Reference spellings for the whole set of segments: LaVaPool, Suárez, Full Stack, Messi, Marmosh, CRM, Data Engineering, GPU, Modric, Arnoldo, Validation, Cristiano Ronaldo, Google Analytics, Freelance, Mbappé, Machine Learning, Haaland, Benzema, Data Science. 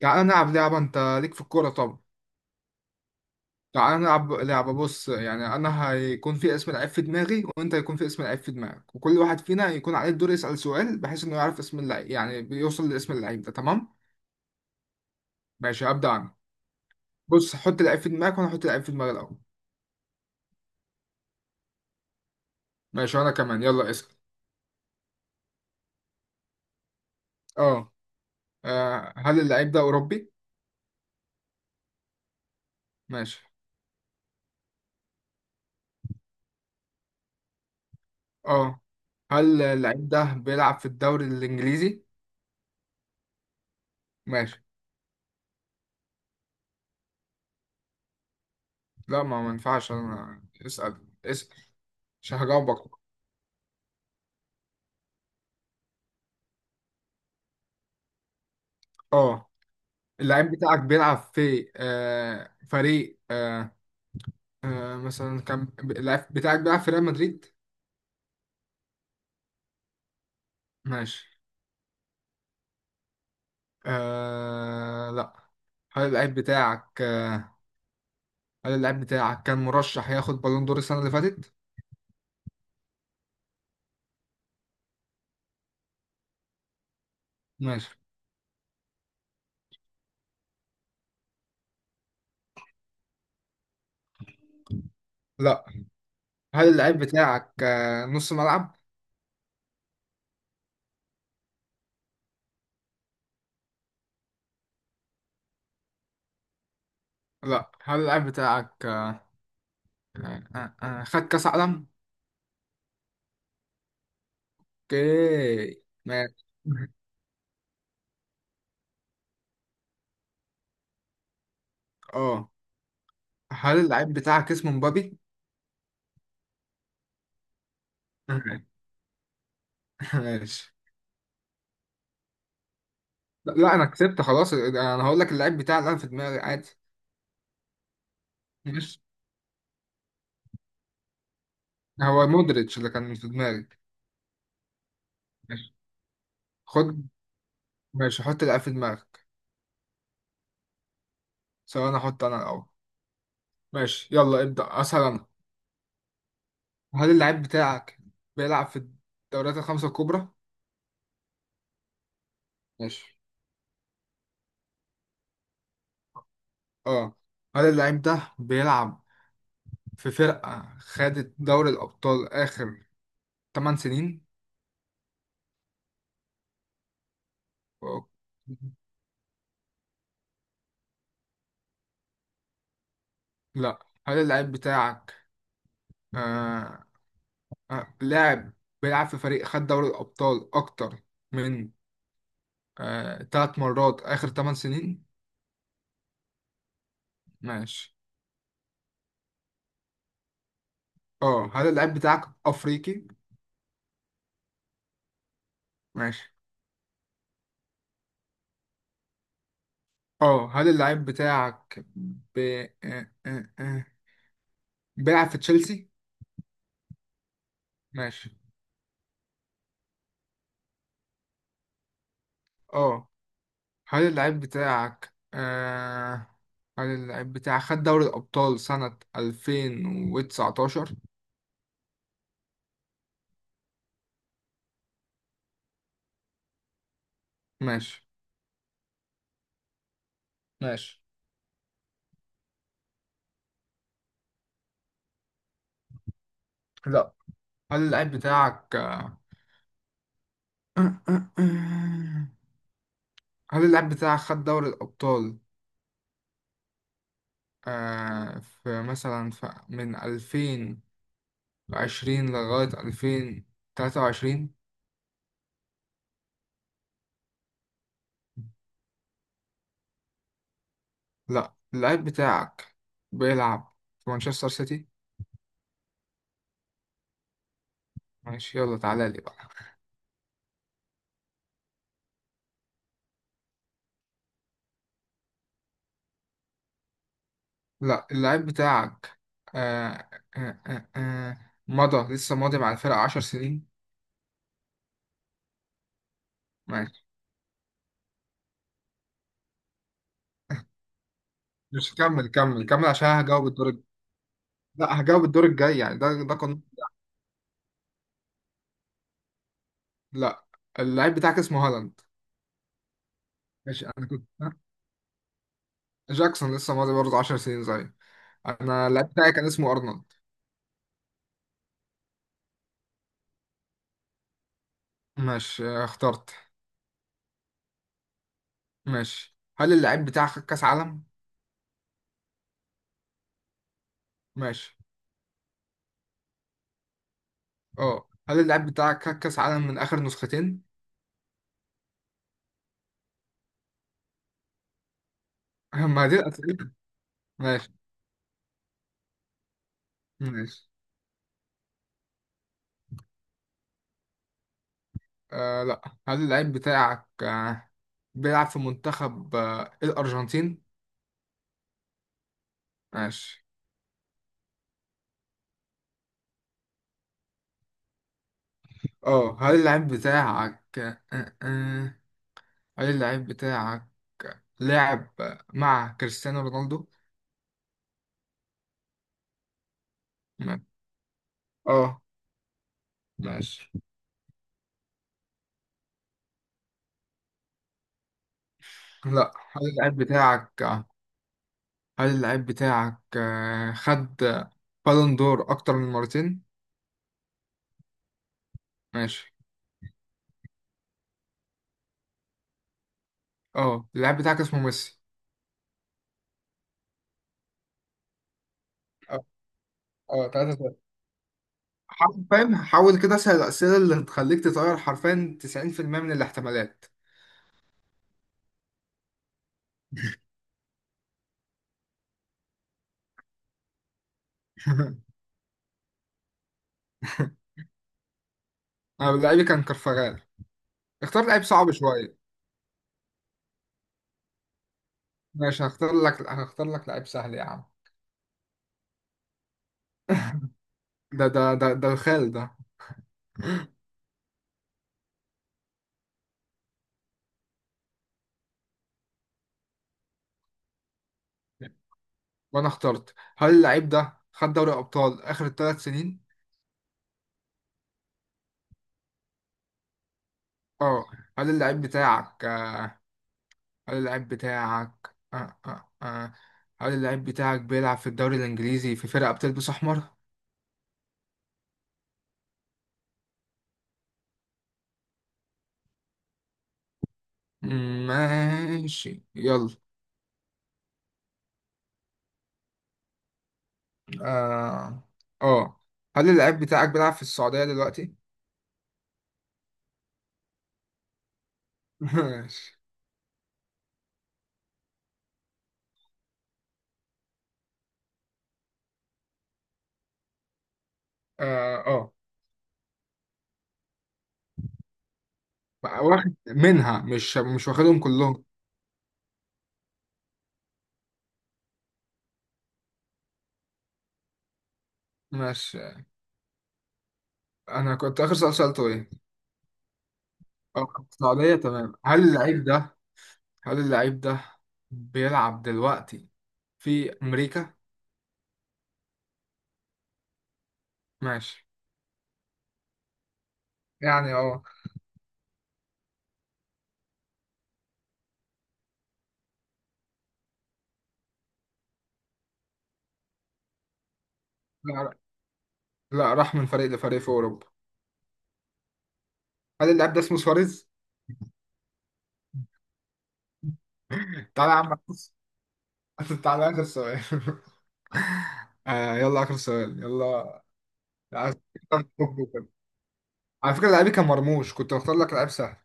تعالى نلعب لعبة. أنت ليك في الكورة طبعا. تعالى نلعب لعبة، بص يعني أنا هيكون في اسم لعيب في دماغي وأنت هيكون في اسم لعيب في دماغك، وكل واحد فينا هيكون عليه الدور يسأل سؤال، بحيث إنه يعرف اسم اللعيب، يعني بيوصل لاسم اللعيب ده، تمام؟ ماشي هبدأ أنا. بص، حط لعيب في دماغك وأنا هحط لعيب في دماغي الأول. ماشي وأنا كمان، يلا اسأل. أه. هل اللعيب ده أوروبي؟ ماشي. أه. هل اللعيب ده بيلعب في الدوري الإنجليزي؟ ماشي، لا ما ينفعش، أنا اسأل عشان هجاوبك. أه. اللعيب بتاعك بيلعب في فريق، آه مثلا كان اللعيب بتاعك بيلعب في ريال مدريد. ماشي. آه لا. هل اللعيب بتاعك هل اللعيب بتاعك كان مرشح ياخد بالون دور السنة اللي فاتت؟ ماشي. لا. هل اللعيب بتاعك نص ملعب؟ لا. هل اللعيب بتاعك خد كأس عالم؟ اوكي ماشي. اه، هل اللعيب بتاعك اسمه مبابي؟ ماشي. لا، انا كسبت خلاص، انا هقول لك اللعيب بتاعي اللي انا في دماغي عادي. ماشي، هو مودريتش اللي كان في دماغي. ماشي. خد. ماشي حط اللعيب في دماغك. سواء انا احط، انا الاول. ماشي يلا ابدأ، اسهل انا. هل اللعيب بتاعك بيلعب في الدوريات الخمسة الكبرى؟ ماشي. اه. هل اللعيب ده بيلعب في فرقة خدت دوري الأبطال آخر 8 سنين؟ أوه. لا. هل اللعيب بتاعك آه، لاعب بيلعب في فريق خد دوري الأبطال أكتر من 3 مرات آخر 8 سنين؟ ماشي. اه، هل اللاعب بتاعك أفريقي؟ ماشي. اه هل اللاعب بتاعك ب... آه، آه، آه، بيلعب في تشيلسي؟ ماشي. اه هل اللاعب بتاعك هل اللاعب بتاعك خد دوري الأبطال سنة 2019؟ ماشي. ماشي. لا. هل اللاعب بتاعك آه، آه، آه. هل اللاعب بتاعك خد دوري الأبطال في، مثلا، في من 2020 لغاية 2023؟ لأ، اللاعب بتاعك بيلعب في مانشستر سيتي؟ ماشي يلا تعالى لي بقى. لأ اللاعب بتاعك آه آه مضى، لسه ماضي مع الفرقة 10 سنين؟ ماشي. مش، كمل كمل كمل عشان هجاوب لأ هجاوب الدور الجاي، يعني ده قانون. لأ اللاعب بتاعك اسمه هالاند. ماشي أنا كنت. جاكسون لسه ماضي برضه 10 سنين زي انا. اللاعب بتاعي كان اسمه ارنولد. ماشي. آه، اخترت. ماشي، هل اللاعب بتاعك خد كاس عالم؟ ماشي. اه هل اللاعب بتاعك خد كاس عالم من اخر نسختين؟ ما دي الاسئله. ماشي. ماشي. آه لا. هل اللاعب بتاعك بيلعب في منتخب الارجنتين؟ ماشي. اه هل اللاعب بتاعك هل اللاعب بتاعك لاعب مع كريستيانو رونالدو؟ ماشي. اه. ماشي. لا. هل اللاعب بتاعك هل اللعيب بتاعك خد بالون دور أكتر من مرتين؟ ماشي. اه، اللعيب بتاعك اسمه ميسي. اه. اه، تلاتة تلاتة. حرفيا حاول كده أسأل الأسئلة اللي هتخليك تطير، حرفيا 90% من الاحتمالات. أنا لعيبي كان كرفغال. اختار لعيب صعب شوية. ماشي، هختار لك لعيب سهل يا عم. ده الخال ده. وأنا اخترت. هل اللعيب ده خد دوري أبطال آخر 3 سنين؟ اه. هل اللعيب بتاعك هل اللعيب بتاعك آه آه آه. هل اللعيب بتاعك بيلعب في الدوري الإنجليزي في فرقة بتلبس أحمر؟ ماشي يلا. آه آه هل اللعيب بتاعك بيلعب في السعودية دلوقتي؟ ماشي. آه آه بقى واخد منها، مش واخدهم كلهم. ماشي. أنا كنت آخر سؤال سألته إيه؟ آه، السعودية، تمام. هل اللعيب ده هل اللعيب ده بيلعب دلوقتي في أمريكا؟ ماشي، يعني اه. لا، راح من فريق لفريق في اوروبا. هل اللاعب ده اسمه سواريز؟ تعالى يا عم بص. تعالى اخر سؤال. آه، يلا اخر سؤال يلا. عايز- على فكره، لعيبي كان مرموش، كنت بختار لك لعيب سهل.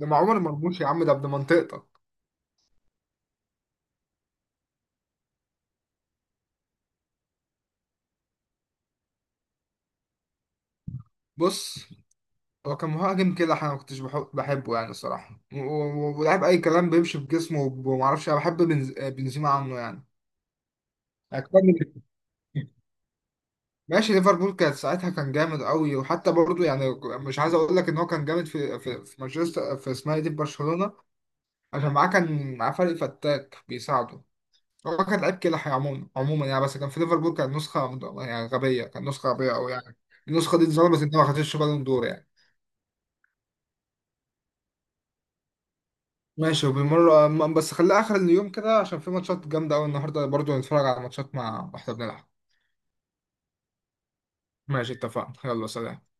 ده مع عمر مرموش يا عم، ده ابن منطقتك. بص، هو كان مهاجم كده، انا ما كنتش بحب بحبه يعني الصراحه، ولاعب اي كلام، بيمشي بجسمه، وما اعرفش، انا بحب بنزيما عنه يعني. اكتر. ماشي، ليفربول كانت ساعتها كان جامد قوي، وحتى برضو يعني مش عايز اقول لك ان هو كان جامد في مانشستر، في اسمها إيه دي، في برشلونة، عشان معاه، كان معاه فريق فتاك بيساعده. هو كان لعيب كده عموما يعني، بس كان في ليفربول كان نسخة يعني غبية، كان نسخة غبية قوي يعني. النسخة دي اتظلمت ان ما خدتش بالون دور يعني. ماشي، وبالمرة بس خليها اخر اليوم كده، عشان في ماتشات جامدة قوي النهارده، برضو نتفرج على ماتشات مع واحنا بنلعب. ماشي، اتفقنا، يلا سلام.